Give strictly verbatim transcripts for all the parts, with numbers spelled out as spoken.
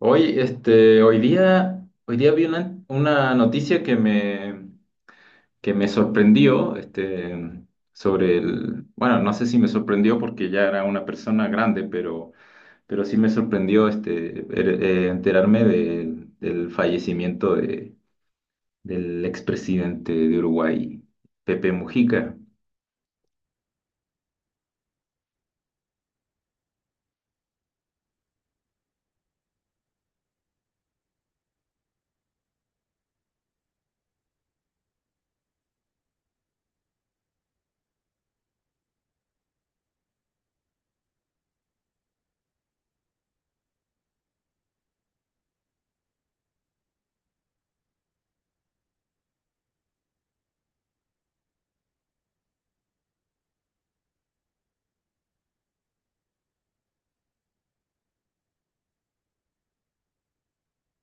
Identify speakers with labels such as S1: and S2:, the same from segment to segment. S1: Hoy, este, hoy día, hoy día vi una, una noticia que me, que me sorprendió, este, sobre el, bueno, no sé si me sorprendió porque ya era una persona grande, pero, pero sí me sorprendió, este, er- eh, enterarme de- del fallecimiento de, del expresidente de Uruguay, Pepe Mujica.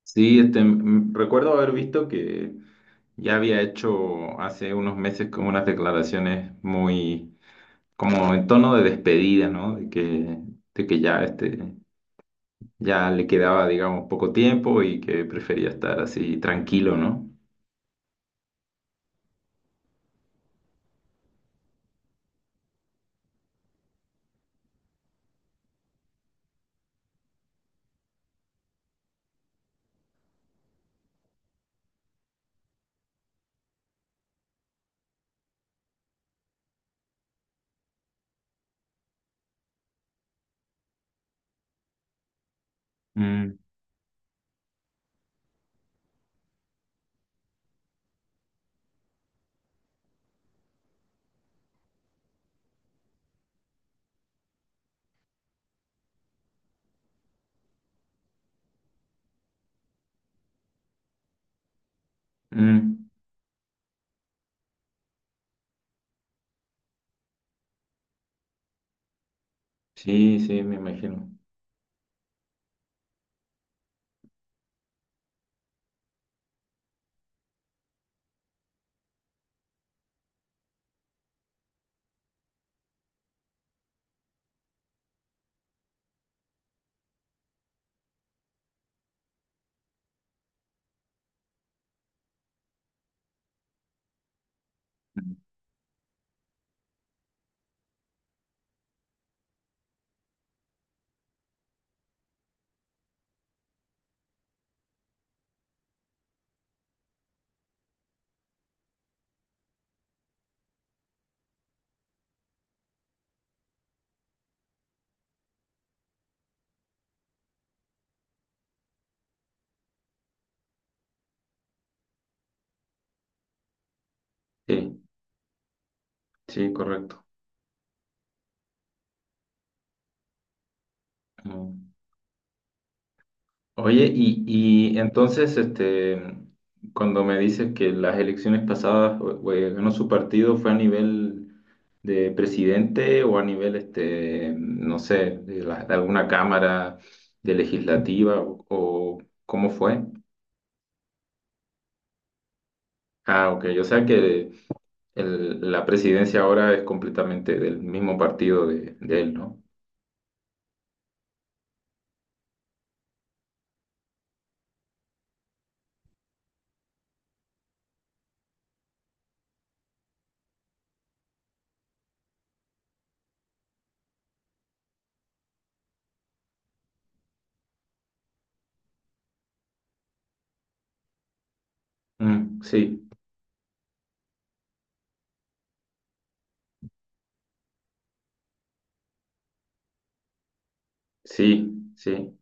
S1: Sí, este, m- recuerdo haber visto que ya había hecho hace unos meses como unas declaraciones muy como en tono de despedida, ¿no? De que, de que ya, este, ya le quedaba, digamos, poco tiempo y que prefería estar así tranquilo, ¿no? Mm, mm, sí, sí, me imagino. Mm. Sí, sí, correcto. Mm. Oye, y, y entonces, este, cuando me dices que las elecciones pasadas o- o, eh, ganó su partido, ¿fue a nivel de presidente o a nivel, este, no sé, de, la- de alguna cámara de legislativa o, o cómo fue? Ah, ok, o sea que el- la presidencia ahora es completamente del mismo partido de, de él, ¿no? Mm, sí, sí, sí,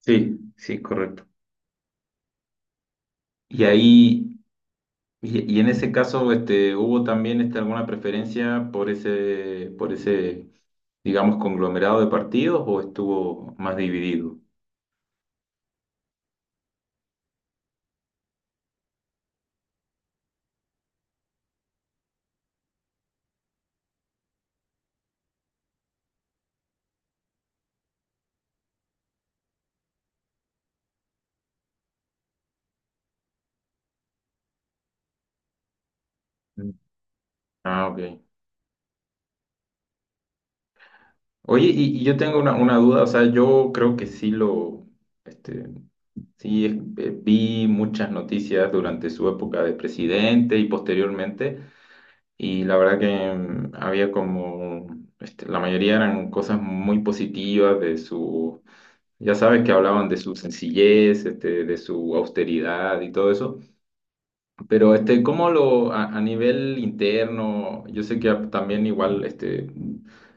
S1: sí, sí, correcto. Y ahí. Y, y en ese caso, este, ¿hubo también este, alguna preferencia por ese, por ese, digamos, conglomerado de partidos o estuvo más dividido? Mm. Ah, ok. Oye, y, y yo tengo una, una duda, o sea, yo creo que sí lo, este, sí es- eh, vi muchas noticias durante su época de presidente y posteriormente, y la verdad que mm, había como, este, la mayoría eran cosas muy positivas de sus Ya sabes que hablaban de su sencillez, este, de su austeridad y todo eso. Pero este, ¿cómo lo a, a nivel interno? Yo sé que a- también igual este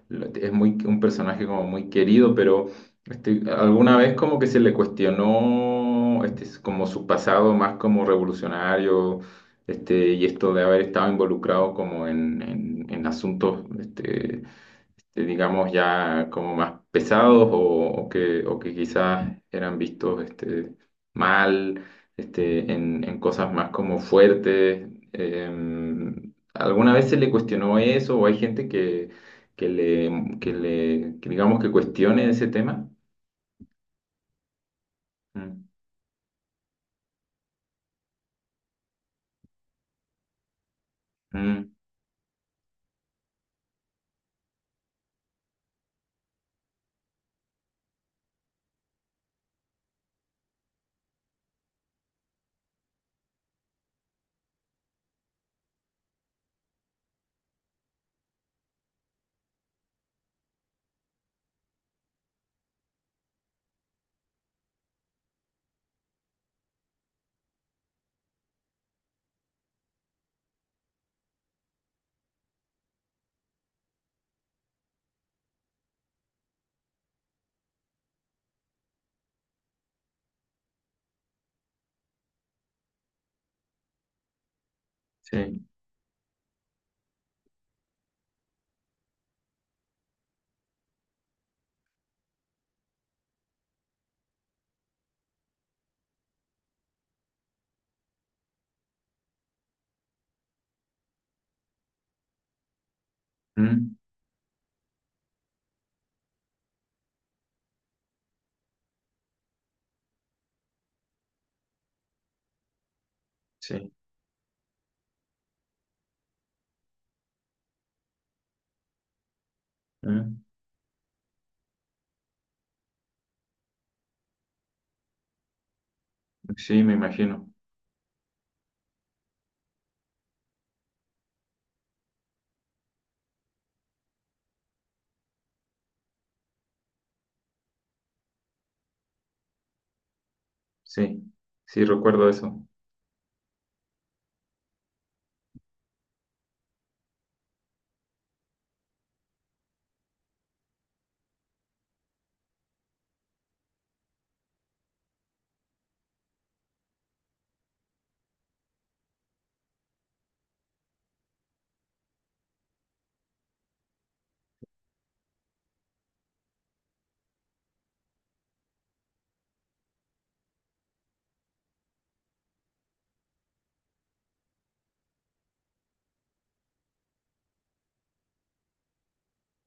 S1: lo- es muy un personaje como muy querido, pero este, alguna vez como que se le cuestionó este s- como su pasado más como revolucionario, este, y esto de haber estado involucrado como en, en, en asuntos este, este, digamos ya como más pesados o, o que o que quizás eran vistos este mal este, en, en cosas más como fuertes. Em, ¿alguna vez se le cuestionó eso o hay gente que, que le, que le, que digamos que cuestione ese tema? Mm, mm, sí, mm, sí, mm, sí, me imagino, sí, sí, recuerdo eso.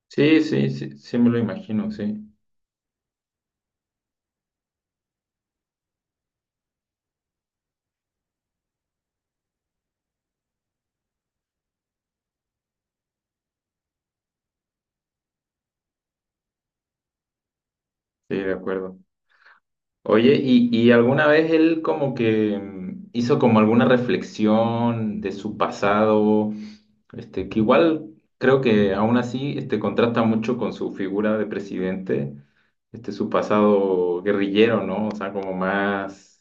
S1: Sí, sí, sí, sí me lo imagino, sí, sí, de acuerdo. Oye, ¿y, y alguna vez él como que mm, hizo como alguna reflexión de su pasado? Este, que igual creo que aún así este, contrasta mucho con su figura de presidente, este, su pasado guerrillero, ¿no? O sea, como más,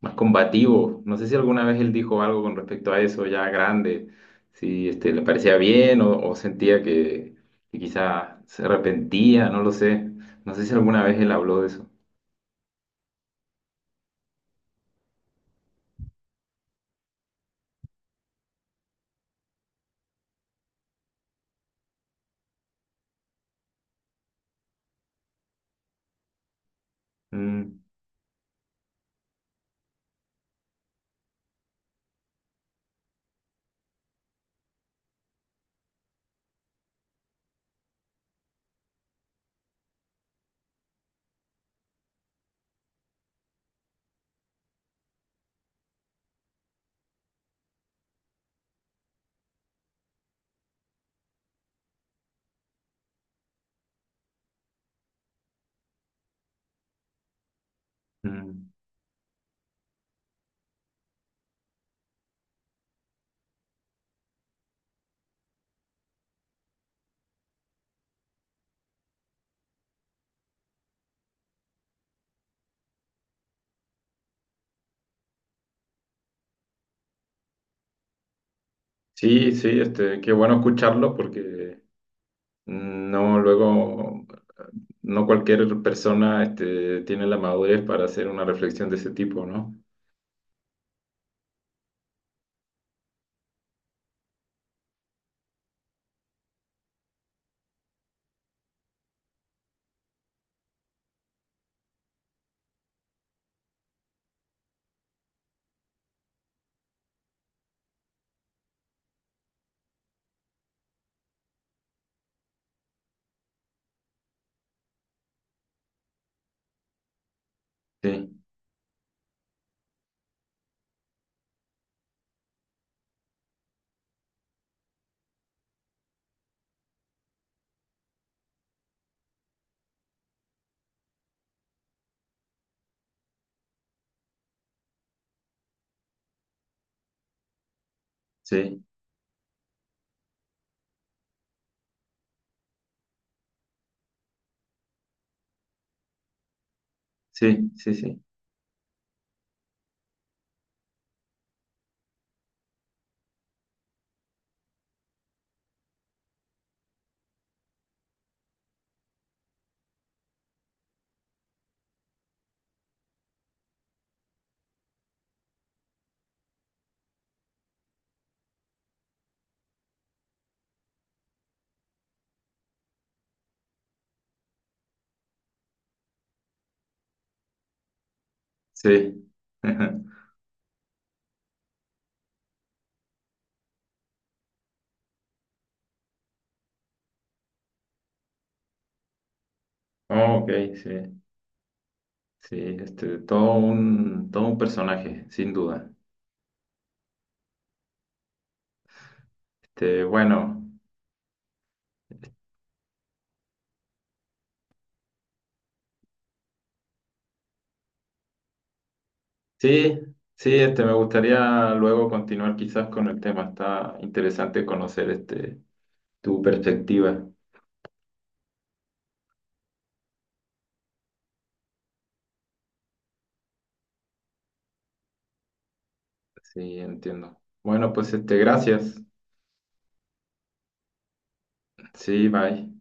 S1: más combativo. No sé si alguna vez él dijo algo con respecto a eso ya grande, si este, le parecía bien o, o sentía que, que quizá se arrepentía, no lo sé. No sé si alguna vez él habló de eso. Mm. Mm. Sí, sí, este, qué bueno escucharlo porque no luego no cualquier persona este, tiene la madurez para hacer una reflexión de ese tipo, ¿no? Sí, sí, sí, sí, sí, sí. Oh, ok, sí, sí, este, todo un, todo un personaje, sin duda. Este, bueno, sí, sí, este, me gustaría luego continuar quizás con el tema. Está interesante conocer este tu perspectiva. Sí, entiendo. Bueno, pues este, gracias. Sí, bye.